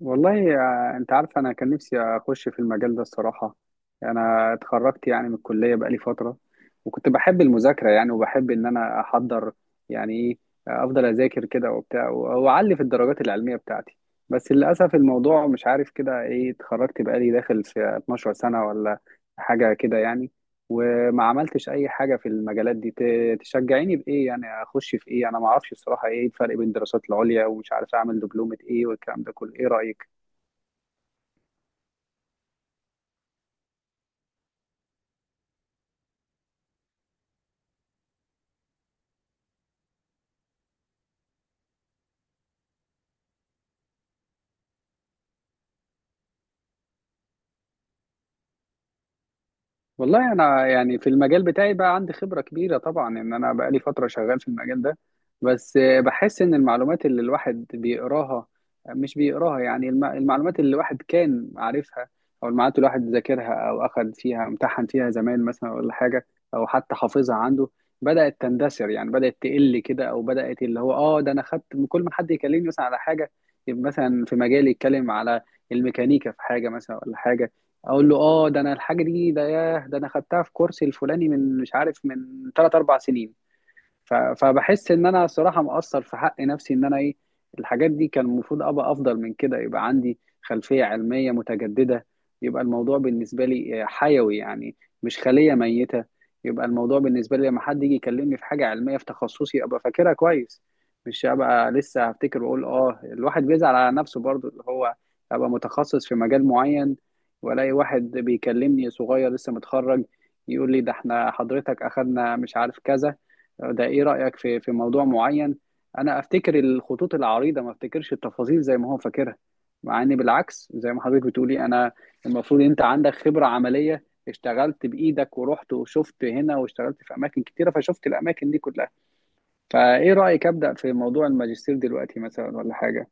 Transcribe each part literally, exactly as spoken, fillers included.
والله آه، انت عارف انا كان نفسي اخش في المجال ده الصراحه. انا اتخرجت يعني من الكليه بقالي فتره، وكنت بحب المذاكره يعني وبحب ان انا احضر يعني ايه. آه، افضل اذاكر كده وبتاع و- واعلي في الدرجات العلميه بتاعتي. بس للاسف الموضوع مش عارف كده ايه، اتخرجت بقالي داخل في 12 سنه ولا حاجه كده يعني، وما عملتش اي حاجه في المجالات دي. ت- تشجعيني بايه يعني، اخش في ايه؟ انا ما اعرفش الصراحه ايه الفرق بين الدراسات العليا، ومش عارف اعمل دبلومه ايه والكلام ده كله. ايه رايك؟ والله انا يعني في المجال بتاعي بقى عندي خبرة كبيرة طبعا، ان انا بقى لي فترة شغال في المجال ده. بس آه، بحس ان المعلومات اللي الواحد بيقراها مش بيقراها، يعني الم- المعلومات اللي الواحد كان عارفها، او المعلومات اللي الواحد ذاكرها او اخد فيها امتحن فيها زمان مثلا ولا حاجة، او حتى حافظها عنده، بدأت تندثر. يعني بدأت تقل كده، او بدأت اللي هو اه ده انا خدت كل ما حد يكلمني مثلا على حاجة، يبقى مثلا في مجالي يتكلم على الميكانيكا في حاجة مثلا ولا حاجة، اقول له اه ده انا الحاجه دي ده، ياه ده انا خدتها في كورسي الفلاني من مش عارف من ثلاث اربع سنين. ف- فبحس ان انا صراحه مقصر في حق نفسي، ان انا ايه، الحاجات دي كان المفروض ابقى افضل من كده، يبقى عندي خلفيه علميه متجدده. يبقى الموضوع بالنسبه لي آه، حيوي يعني، مش خليه ميته. يبقى الموضوع بالنسبه لي لما حد يجي يكلمني في حاجه علميه في تخصصي، ابقى فاكرها كويس، مش ابقى لسه هفتكر واقول اه. الواحد بيزعل على نفسه برضو، اللي هو ابقى متخصص في مجال معين، والاقي واحد بيكلمني صغير لسه متخرج يقول لي ده احنا حضرتك اخدنا مش عارف كذا، ده ايه رأيك في في موضوع معين. انا افتكر الخطوط العريضة، ما افتكرش التفاصيل زي ما هو فاكرها. مع ان بالعكس، زي ما حضرتك بتقولي، انا المفروض انت عندك خبرة عملية، اشتغلت بايدك ورحت وشفت هنا، واشتغلت في اماكن كتيرة فشفت الاماكن دي كلها. فايه رأيك ابدأ في موضوع الماجستير دلوقتي مثلا ولا حاجة؟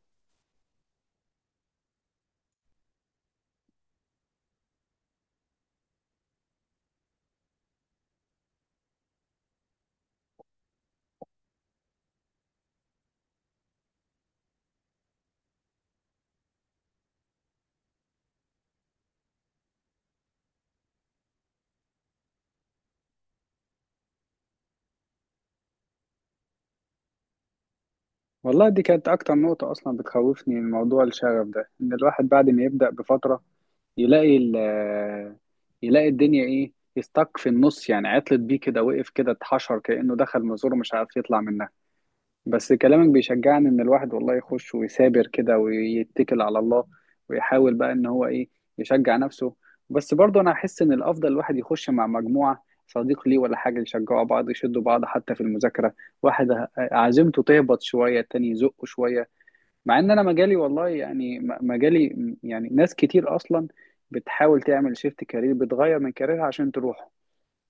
والله دي كانت اكتر نقطة اصلا بتخوفني، من موضوع الشغف ده، ان الواحد بعد ما يبدأ بفترة يلاقي ال يلاقي الدنيا ايه، يستك في النص يعني، عطلت بيه كده، وقف كده، اتحشر كأنه دخل مزور مش عارف يطلع منها. بس كلامك بيشجعني ان الواحد والله يخش ويثابر كده، ويتكل على الله، ويحاول بقى ان هو ايه، يشجع نفسه. بس برضه انا احس ان الافضل الواحد يخش مع مجموعة صديق ليه ولا حاجة، يشجعوا بعض، يشدوا بعض، حتى في المذاكرة. واحد عزيمته تهبط شوية التاني يزقه شوية. مع ان انا مجالي والله يعني م- مجالي م- يعني ناس كتير اصلا بتحاول تعمل شيفت كارير، بتغير من كاريرها عشان تروحه.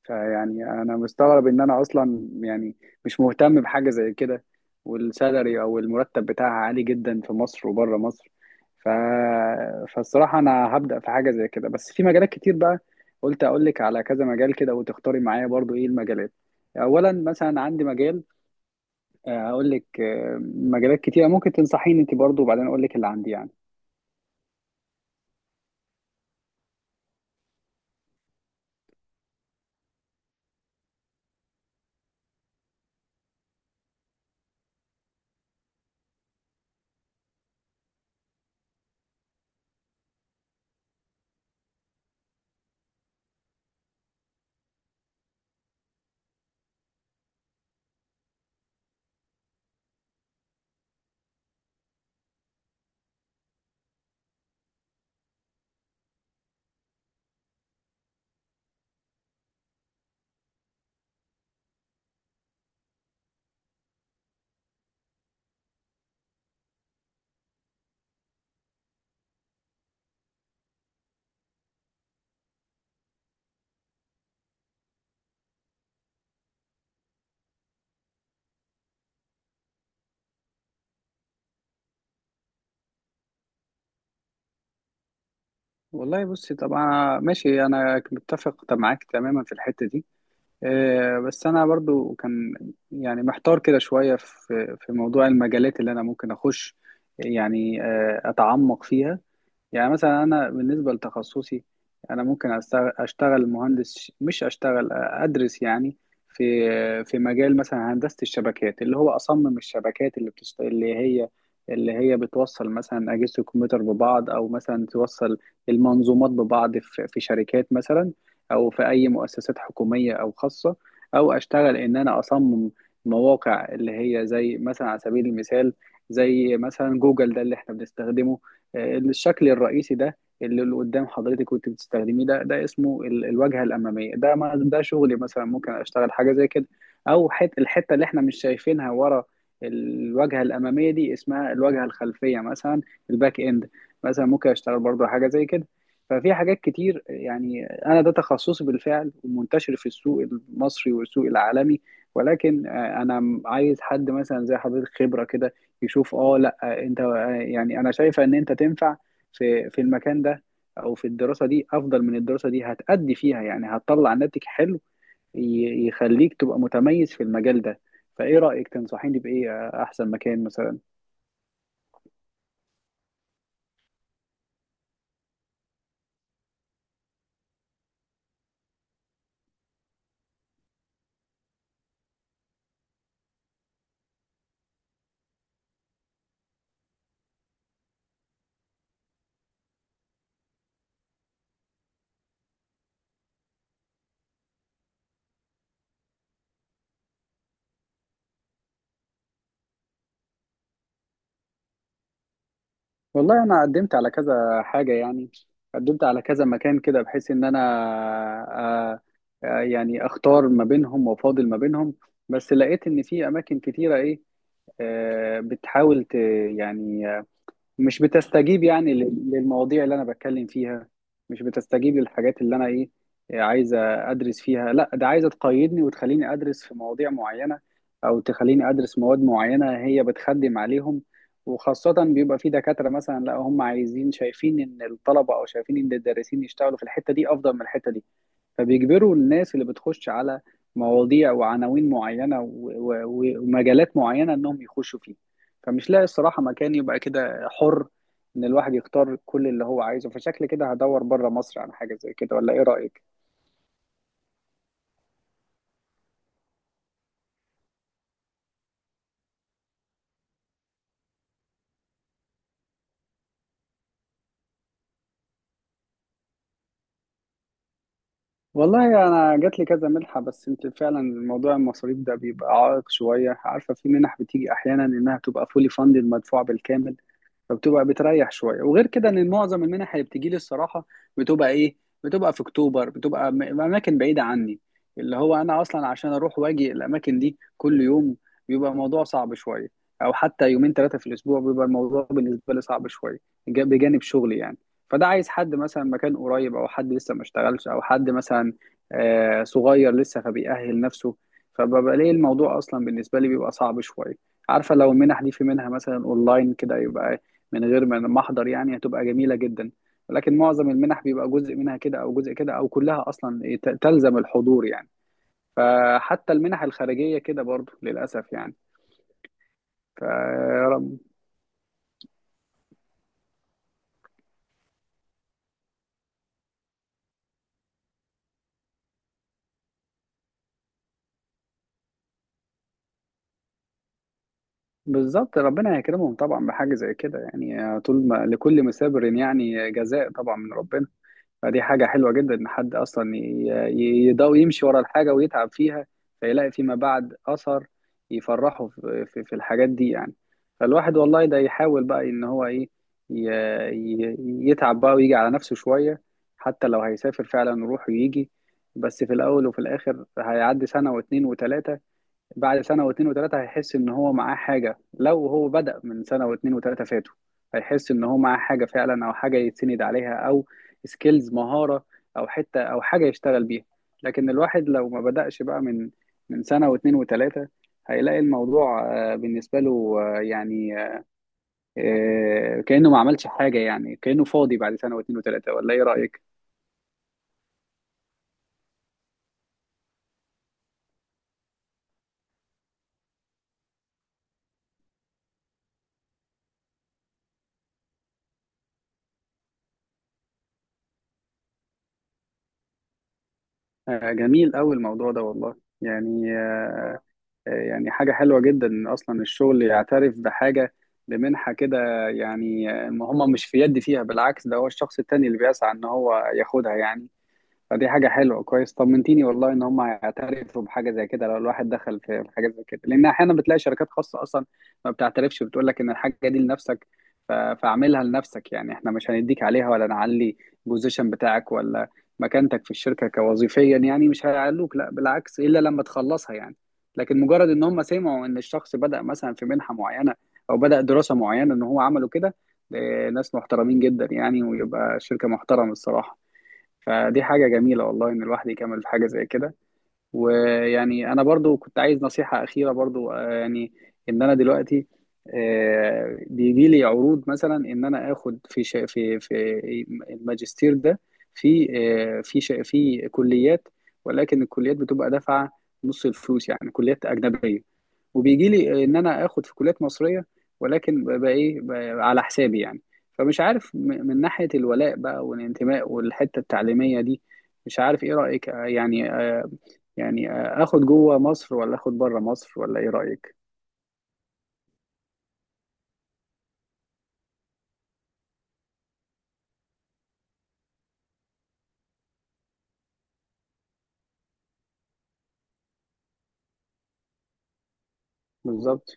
فيعني انا مستغرب ان انا اصلا يعني مش مهتم بحاجه زي كده، والسالري او المرتب بتاعها عالي جدا في مصر وبره مصر. ف... فالصراحه انا هبدا في حاجه زي كده، بس في مجالات كتير بقى. قلت اقول لك على كذا مجال كده، وتختاري معايا برضو ايه المجالات. اولا مثلا عندي مجال، آه، هقول لك آه، مجالات كتيرة ممكن تنصحيني انت برضو، وبعدين اقول لك اللي عندي يعني. والله بصي، طبعا ماشي، انا متفق طب معاك تماما في الحتة دي. آه، بس انا برضو كان يعني محتار كده شوية في في موضوع المجالات اللي انا ممكن اخش يعني آه، اتعمق فيها. يعني مثلا انا بالنسبه لتخصصي، انا ممكن أستغ- اشتغل مهندس ش- مش اشتغل ادرس يعني، في في مجال مثلا هندسه الشبكات، اللي هو اصمم الشبكات اللي بتشت... اللي هي اللي هي بتوصل مثلا اجهزه الكمبيوتر ببعض، او مثلا توصل المنظومات ببعض في في شركات مثلا، او في اي مؤسسات حكوميه او خاصه، او اشتغل ان انا اصمم مواقع، اللي هي زي مثلا على سبيل المثال، زي مثلا جوجل ده اللي احنا بنستخدمه. آه، الشكل الرئيسي ده اللي اللي قدام حضرتك وانت بتستخدميه، ده ده اسمه ال- الواجهه الاماميه، ده ما ده شغلي مثلا، ممكن اشتغل حاجه زي كده. او حت الحته اللي احنا مش شايفينها ورا الواجهه الاماميه دي، اسمها الواجهه الخلفيه مثلا، الباك اند، مثلا ممكن اشتغل برضه حاجه زي كده. ففي حاجات كتير يعني، انا ده تخصصي بالفعل، ومنتشر في السوق المصري والسوق العالمي. ولكن آه، انا عايز حد مثلا زي حضرتك خبره كده، يشوف اه لا، انت يعني انا شايفه ان انت تنفع في في المكان ده، او في الدراسه دي افضل من الدراسه دي، هتأدي فيها يعني هتطلع ناتج حلو، ي- يخليك تبقى متميز في المجال ده. فايه رأيك تنصحيني بايه احسن مكان مثلا؟ والله انا قدمت على كذا حاجة يعني، قدمت على كذا مكان كده، بحيث ان انا آه، آه، يعني اختار ما بينهم وافاضل ما بينهم. بس لقيت ان في اماكن كتيرة ايه، آه، بتحاول ت- يعني مش بتستجيب يعني لل- للمواضيع اللي انا بتكلم فيها. مش بتستجيب للحاجات اللي انا ايه، إيه عايزه ادرس فيها، لا ده عايزه تقيدني وتخليني ادرس في مواضيع معينه، او تخليني ادرس مواد معينه هي بتخدم عليهم. وخاصه بيبقى في دكاتره مثلا، لا هم عايزين، شايفين ان الطلبه، او شايفين ان الدارسين يشتغلوا في الحته دي افضل من الحته دي، فبيجبروا الناس اللي بتخش على مواضيع وعناوين معينة و- و- ومجالات معينة إنهم يخشوا فيه. فمش لاقي الصراحة مكان يبقى كده حر، إن الواحد يختار كل اللي هو عايزه. فشكل كده هدور بره مصر على حاجة زي كده، ولا إيه رأيك؟ والله أنا جات لي كذا منحة، بس أنت فعلا موضوع المصاريف ده بيبقى عائق شوية. عارفة في منح بتيجي أحيانا إنها تبقى فولي فاندد، مدفوعة بالكامل، فبتبقى بتريح شويه. وغير كده ان معظم المنح اللي بتجي لي الصراحه بتبقى ايه، بتبقى في اكتوبر، بتبقى م- اماكن بعيده عني، اللي هو انا اصلا عشان اروح واجي الاماكن دي كل يوم بيبقى الموضوع صعب شويه، او حتى يومين ثلاثه في الاسبوع بيبقى الموضوع بالنسبه لي صعب شويه، جا- بجانب شغلي يعني. فده عايز حد مثلا مكان قريب، او حد لسه ما اشتغلش، او حد مثلا آه، صغير لسه فبيأهل نفسه. فببقى ليه الموضوع اصلا بالنسبه لي بيبقى صعب شويه. عارفه لو المنح دي في منها مثلا اونلاين كده، يبقى من غير ما ما احضر يعني، هتبقى جميله جدا. ولكن معظم المنح بيبقى جزء منها كده، او جزء كده، او كلها اصلا إيه، ت- تلزم الحضور يعني. فحتى المنح الخارجيه كده برضو للاسف يعني. فرب بالظبط، ربنا يكرمهم طبعا بحاجه زي كده يعني، طول ما لكل مسابر يعني جزاء طبعا من ربنا. فدي حاجة حلوة جدا إن حد أصلا يضاوي يمشي ورا الحاجة ويتعب فيها، فيلاقي فيما بعد أثر يفرحه في, في, في الحاجات دي يعني. فالواحد والله ده يحاول بقى إن هو إيه، ي- ي- يتعب بقى، ويجي على نفسه شوية. حتى لو هيسافر فعلا يروح ويجي. بس في الأول وفي الآخر هيعدي سنة واتنين وتلاتة، بعد سنة واتنين وتلاتة هيحس إن هو معاه حاجة. لو هو بدأ من سنة واتنين وتلاتة فاتوا، هيحس إن هو معاه حاجة فعلا، أو حاجة يتسند عليها، أو سكيلز مهارة، أو حتة أو حاجة يشتغل بيها. لكن الواحد لو ما بدأش بقى من من سنة واتنين وتلاتة، هيلاقي الموضوع آه، بالنسبة له آه، يعني آه، كأنه ما عملش حاجة، يعني كأنه فاضي بعد سنة واتنين وتلاتة، ولا إيه رأيك؟ آه، جميل أوي الموضوع ده والله. يعني آه، يعني حاجة حلوة جدا إن أصلا الشغل يعترف بحاجة بمنحة كده يعني، ما هم مش في يد فيها، بالعكس ده هو الشخص التاني اللي بيسعى إن هو ياخدها يعني. فدي حاجة حلوة، كويس طمنتيني والله ان هم هيعترفوا بحاجة زي كده لو الواحد دخل في في حاجة زي كده. لان احيانا بتلاقي شركات خاصة اصلا ما بتعترفش، بتقول لك ان الحاجة دي لنفسك، ف- فاعملها لنفسك يعني، احنا مش هنديك عليها ولا نعلي البوزيشن بتاعك، ولا مكانتك في الشركة كوظيفيا يعني، مش هيعلوك لا، بالعكس الا لما تخلصها يعني. لكن مجرد ان هم سمعوا ان الشخص بدأ مثلا في منحة معينة، او بدأ دراسة معينة ان هو عمله كده، إيه، ناس محترمين جدا يعني، ويبقى شركة محترمة الصراحة. فدي حاجة جميلة والله إن الواحد يكمل في حاجة زي كده. ويعني أنا برضو كنت عايز نصيحة أخيرة برضو آه، يعني، إن أنا دلوقتي آه، بيجي لي عروض مثلا، إن أنا آخد في شا- في في الماجستير ده، في آه، في شا- في كليات، ولكن الكليات بتبقى دافعة نص الفلوس، يعني كليات أجنبية. وبيجي لي ان انا اخد في كليات مصريه، ولكن ببقى ايه، ببقى على حسابي يعني. فمش عارف م- من ناحيه الولاء بقى والانتماء والحته التعليميه دي، مش عارف ايه رايك آه، يعني آه، يعني آه، اخد جوه مصر ولا اخد بره مصر، ولا ايه رايك؟ بالظبط،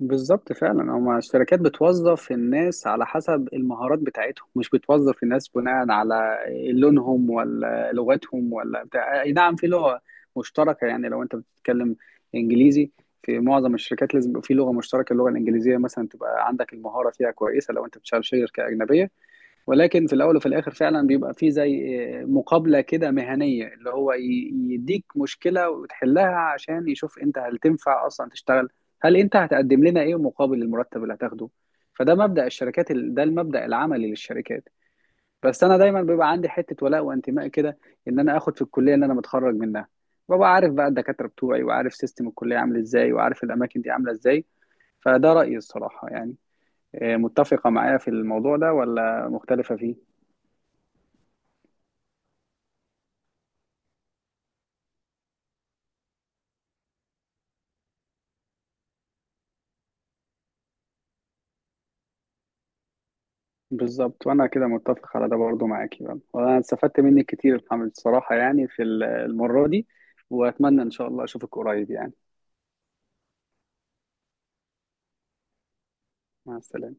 بالظبط، فعلا هما الشركات بتوظف الناس على حسب المهارات بتاعتهم، مش بتوظف الناس بناء على لونهم ولا لغتهم ولا بتاع. اي نعم في لغة مشتركة يعني، لو انت بتتكلم انجليزي، في معظم الشركات لازم يبقى في لغة مشتركة، اللغة الانجليزية مثلا تبقى عندك المهارة فيها كويسة لو انت بتشتغل شركة أجنبية. ولكن في الاول وفي الاخر فعلا بيبقى في زي آه، مقابله كده مهنيه، اللي هو ي- يديك مشكله وتحلها، عشان يشوف انت هل تنفع اصلا تشتغل، هل انت هتقدم لنا ايه مقابل المرتب اللي هتاخده. فده مبدا الشركات ال- ده المبدا العملي للشركات. بس انا دايما بيبقى عندي حته ولاء وانتماء كده، ان انا اخد في الكليه اللي انا متخرج منها. ببقى عارف بقى الدكاتره بتوعي، وعارف سيستم الكليه عامل ازاي، وعارف الاماكن دي عامله ازاي. فده رايي الصراحه يعني. إيه، متفقه معايا في الموضوع ده ولا مختلفه فيه؟ بالظبط، وانا كده متفق على ده برضو معاكي بقى. وانا استفدت منك كتير الحمد الصراحة يعني في المرة دي، واتمنى ان شاء الله اشوفك قريب يعني. مع السلامة.